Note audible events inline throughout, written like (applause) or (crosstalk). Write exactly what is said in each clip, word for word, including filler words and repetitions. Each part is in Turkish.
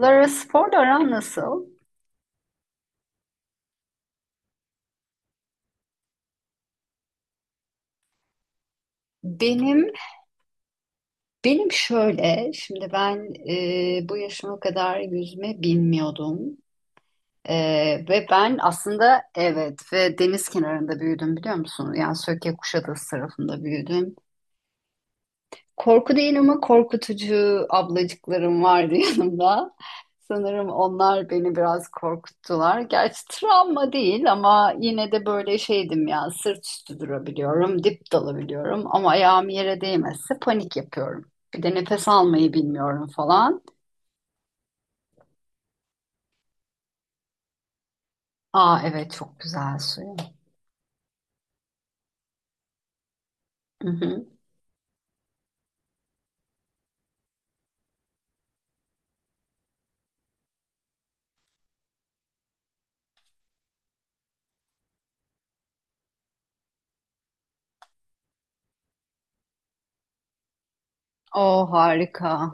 Lara sporla aran nasıl? Benim benim şöyle şimdi ben e, bu yaşıma kadar yüzme bilmiyordum. E, Ve ben aslında, evet, ve deniz kenarında büyüdüm biliyor musun? Yani Söke Kuşadası tarafında büyüdüm. Korku değil ama korkutucu ablacıklarım vardı (laughs) yanımda. Sanırım onlar beni biraz korkuttular. Gerçi travma değil ama yine de böyle şeydim ya, sırt üstü durabiliyorum, dip dalabiliyorum ama ayağım yere değmezse panik yapıyorum. Bir de nefes almayı bilmiyorum falan. Aa, evet, çok güzel suyu. Hı hı. Oo, harika.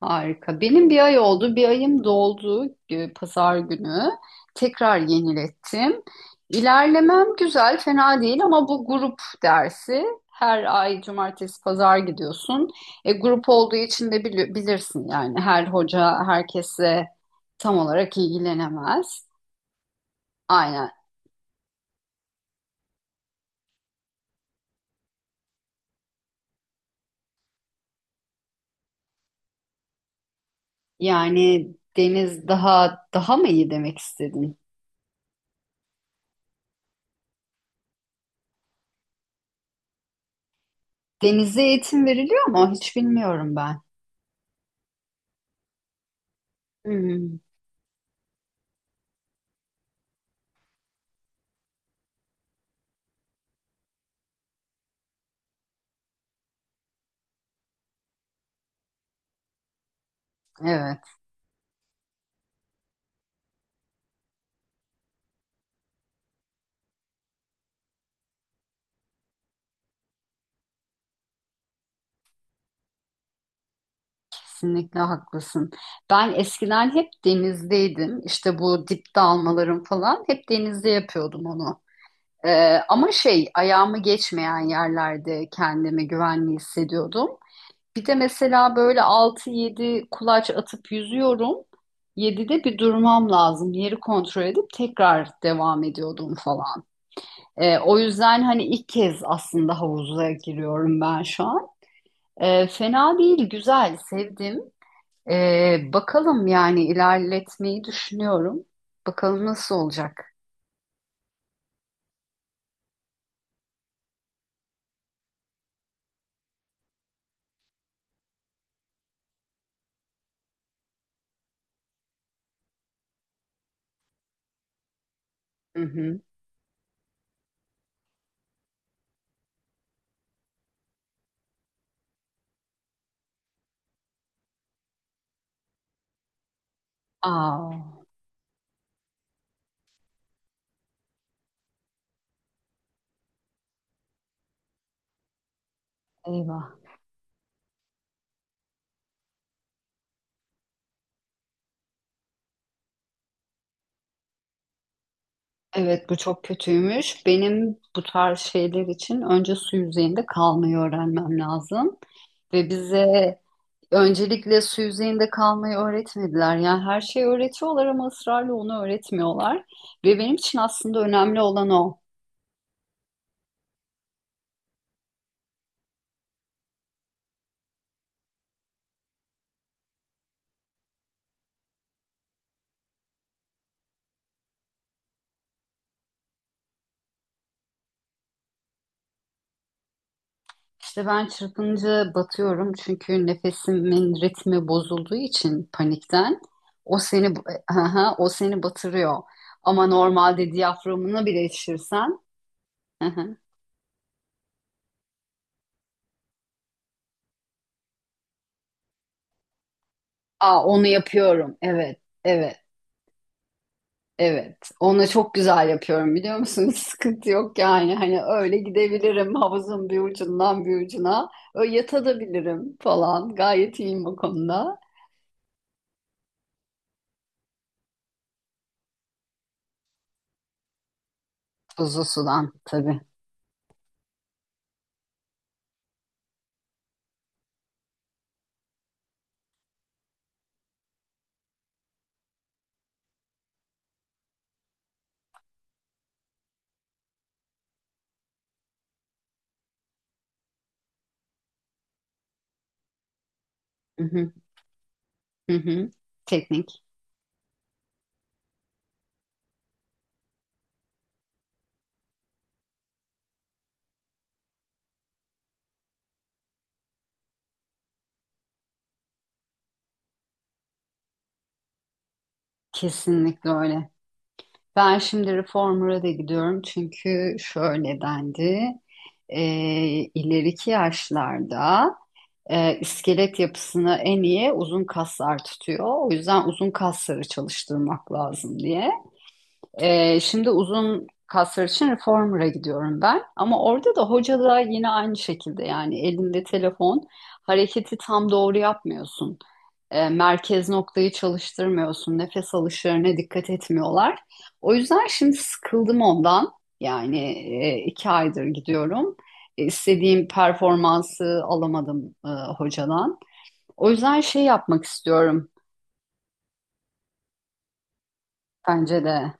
Harika. Benim bir ay oldu. Bir ayım doldu e, pazar günü. Tekrar yenilettim. İlerlemem güzel, fena değil ama bu grup dersi. Her ay cumartesi pazar gidiyorsun. E, grup olduğu için de bili- bilirsin, yani her hoca herkese tam olarak ilgilenemez. Aynen. Yani, Deniz daha daha mı iyi demek istedin? Deniz'e eğitim veriliyor mu? Hiç bilmiyorum ben. Hmm, evet. Kesinlikle haklısın. Ben eskiden hep denizdeydim. İşte bu dip dalmalarım falan hep denizde yapıyordum onu. Ee, ama şey, ayağımı geçmeyen yerlerde kendimi güvenli hissediyordum. Bir de mesela böyle altı yedi kulaç atıp yüzüyorum. yedide bir durmam lazım. Yeri kontrol edip tekrar devam ediyordum falan. Ee, o yüzden hani ilk kez aslında havuza giriyorum ben şu an. Ee, fena değil, güzel, sevdim. Ee, bakalım, yani ilerletmeyi düşünüyorum. Bakalım nasıl olacak. Hı hı. Aa, eyvah. Evet, bu çok kötüymüş. Benim bu tarz şeyler için önce su yüzeyinde kalmayı öğrenmem lazım. Ve bize öncelikle su yüzeyinde kalmayı öğretmediler. Yani her şeyi öğretiyorlar ama ısrarla onu öğretmiyorlar. Ve benim için aslında önemli olan o. İşte ben çırpınca batıyorum, çünkü nefesimin ritmi bozulduğu için panikten o seni (laughs) aha, o seni batırıyor. Ama normalde diyaframına bile yetişirsen (laughs) aha. Aa, onu yapıyorum. Evet, evet, evet. Onu çok güzel yapıyorum biliyor musun? (laughs) Hiç sıkıntı yok yani. Hani öyle gidebilirim havuzun bir ucundan bir ucuna. Öyle yatabilirim falan. Gayet iyiyim bu konuda. Tuzlu sudan tabii. Hı hı, hı hı. Teknik. Kesinlikle öyle. Ben şimdi reformer'a da gidiyorum çünkü şöyle dendi. E, ileriki yaşlarda e, iskelet yapısını en iyi uzun kaslar tutuyor. O yüzden uzun kasları çalıştırmak lazım diye. E, şimdi uzun kaslar için reformer'a gidiyorum ben. Ama orada da hoca da yine aynı şekilde, yani elinde telefon, hareketi tam doğru yapmıyorsun, e, merkez noktayı çalıştırmıyorsun. Nefes alışlarına dikkat etmiyorlar. O yüzden şimdi sıkıldım ondan. Yani e, iki aydır gidiyorum. E, istediğim performansı alamadım e, hocadan. O yüzden şey yapmak istiyorum. Bence de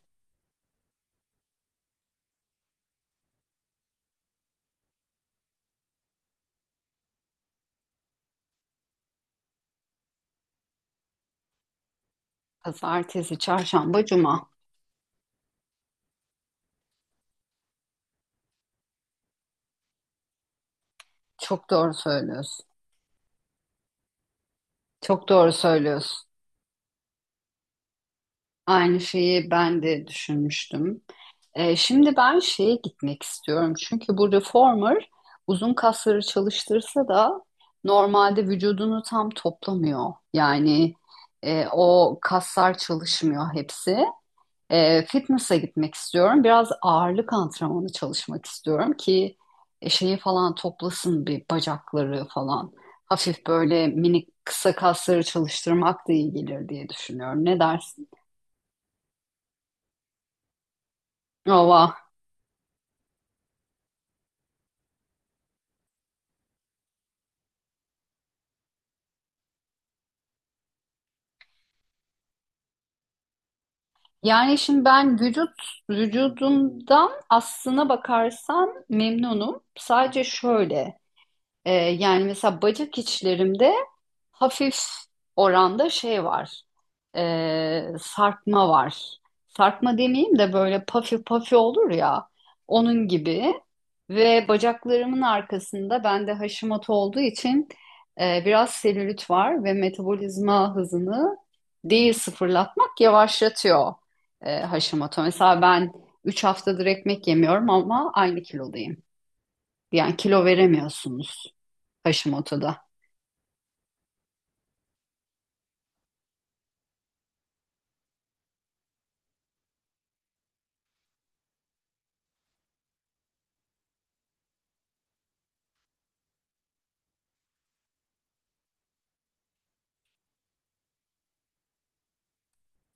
pazartesi, çarşamba, cuma. Çok doğru söylüyorsun. Çok doğru söylüyorsun. Aynı şeyi ben de düşünmüştüm. Ee, şimdi ben şeye gitmek istiyorum. Çünkü bu reformer uzun kasları çalıştırsa da normalde vücudunu tam toplamıyor. Yani e, o kaslar çalışmıyor hepsi. E, fitness'a gitmek istiyorum. Biraz ağırlık antrenmanı çalışmak istiyorum ki e, şeyi falan toplasın, bir bacakları falan. Hafif böyle minik kısa kasları çalıştırmak da iyi gelir diye düşünüyorum. Ne dersin? Yani şimdi ben vücut vücudumdan, aslına bakarsan, memnunum. Sadece şöyle, e, yani mesela bacak içlerimde hafif oranda şey var. e, Sarkma var. Sarkma demeyeyim de, böyle pafi pafi olur ya. Onun gibi. Ve bacaklarımın arkasında, bende Hashimoto olduğu için, e, biraz selülit var ve metabolizma hızını, değil sıfırlatmak, yavaşlatıyor e, Hashimoto. Mesela ben üç haftadır ekmek yemiyorum ama aynı kilodayım. Yani kilo veremiyorsunuz Hashimoto'da.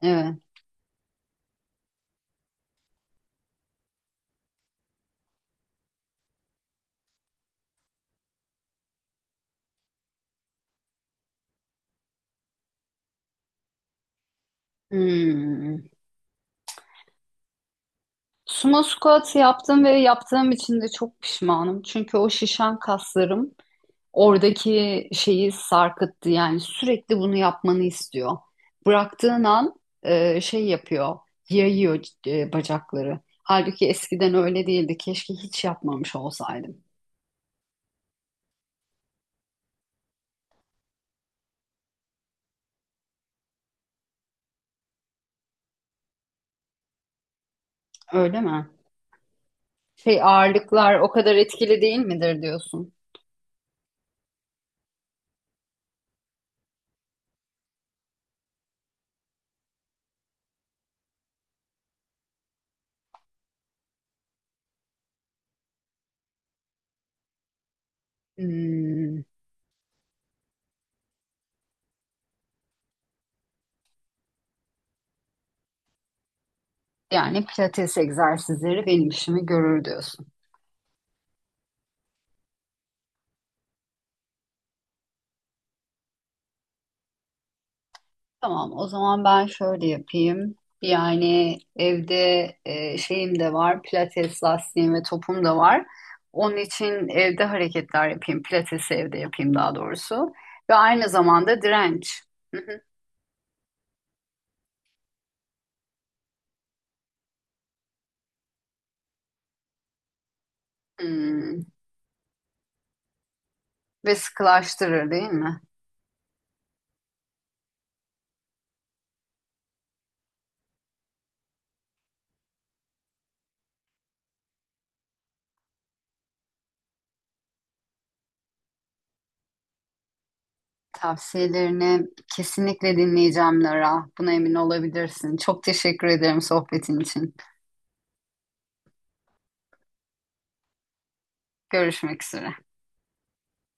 Evet. Hmm. Sumo squat yaptım ve yaptığım için de çok pişmanım. Çünkü o şişen kaslarım oradaki şeyi sarkıttı. Yani sürekli bunu yapmanı istiyor. Bıraktığın an e, şey yapıyor, yayıyor e, bacakları. Halbuki eskiden öyle değildi. Keşke hiç yapmamış olsaydım. Öyle mi? Şey, ağırlıklar o kadar etkili değil midir diyorsun? Hmm, yani pilates egzersizleri benim işimi görür diyorsun. Tamam, o zaman ben şöyle yapayım. Yani evde e, şeyim de var, pilates lastiğim ve topum da var. Onun için evde hareketler yapayım, pilatesi evde yapayım daha doğrusu. Ve aynı zamanda direnç. Hı hı. Hmm. Ve sıkılaştırır değil mi? Tavsiyelerini kesinlikle dinleyeceğim Lara. Buna emin olabilirsin. Çok teşekkür ederim sohbetin için. Görüşmek üzere.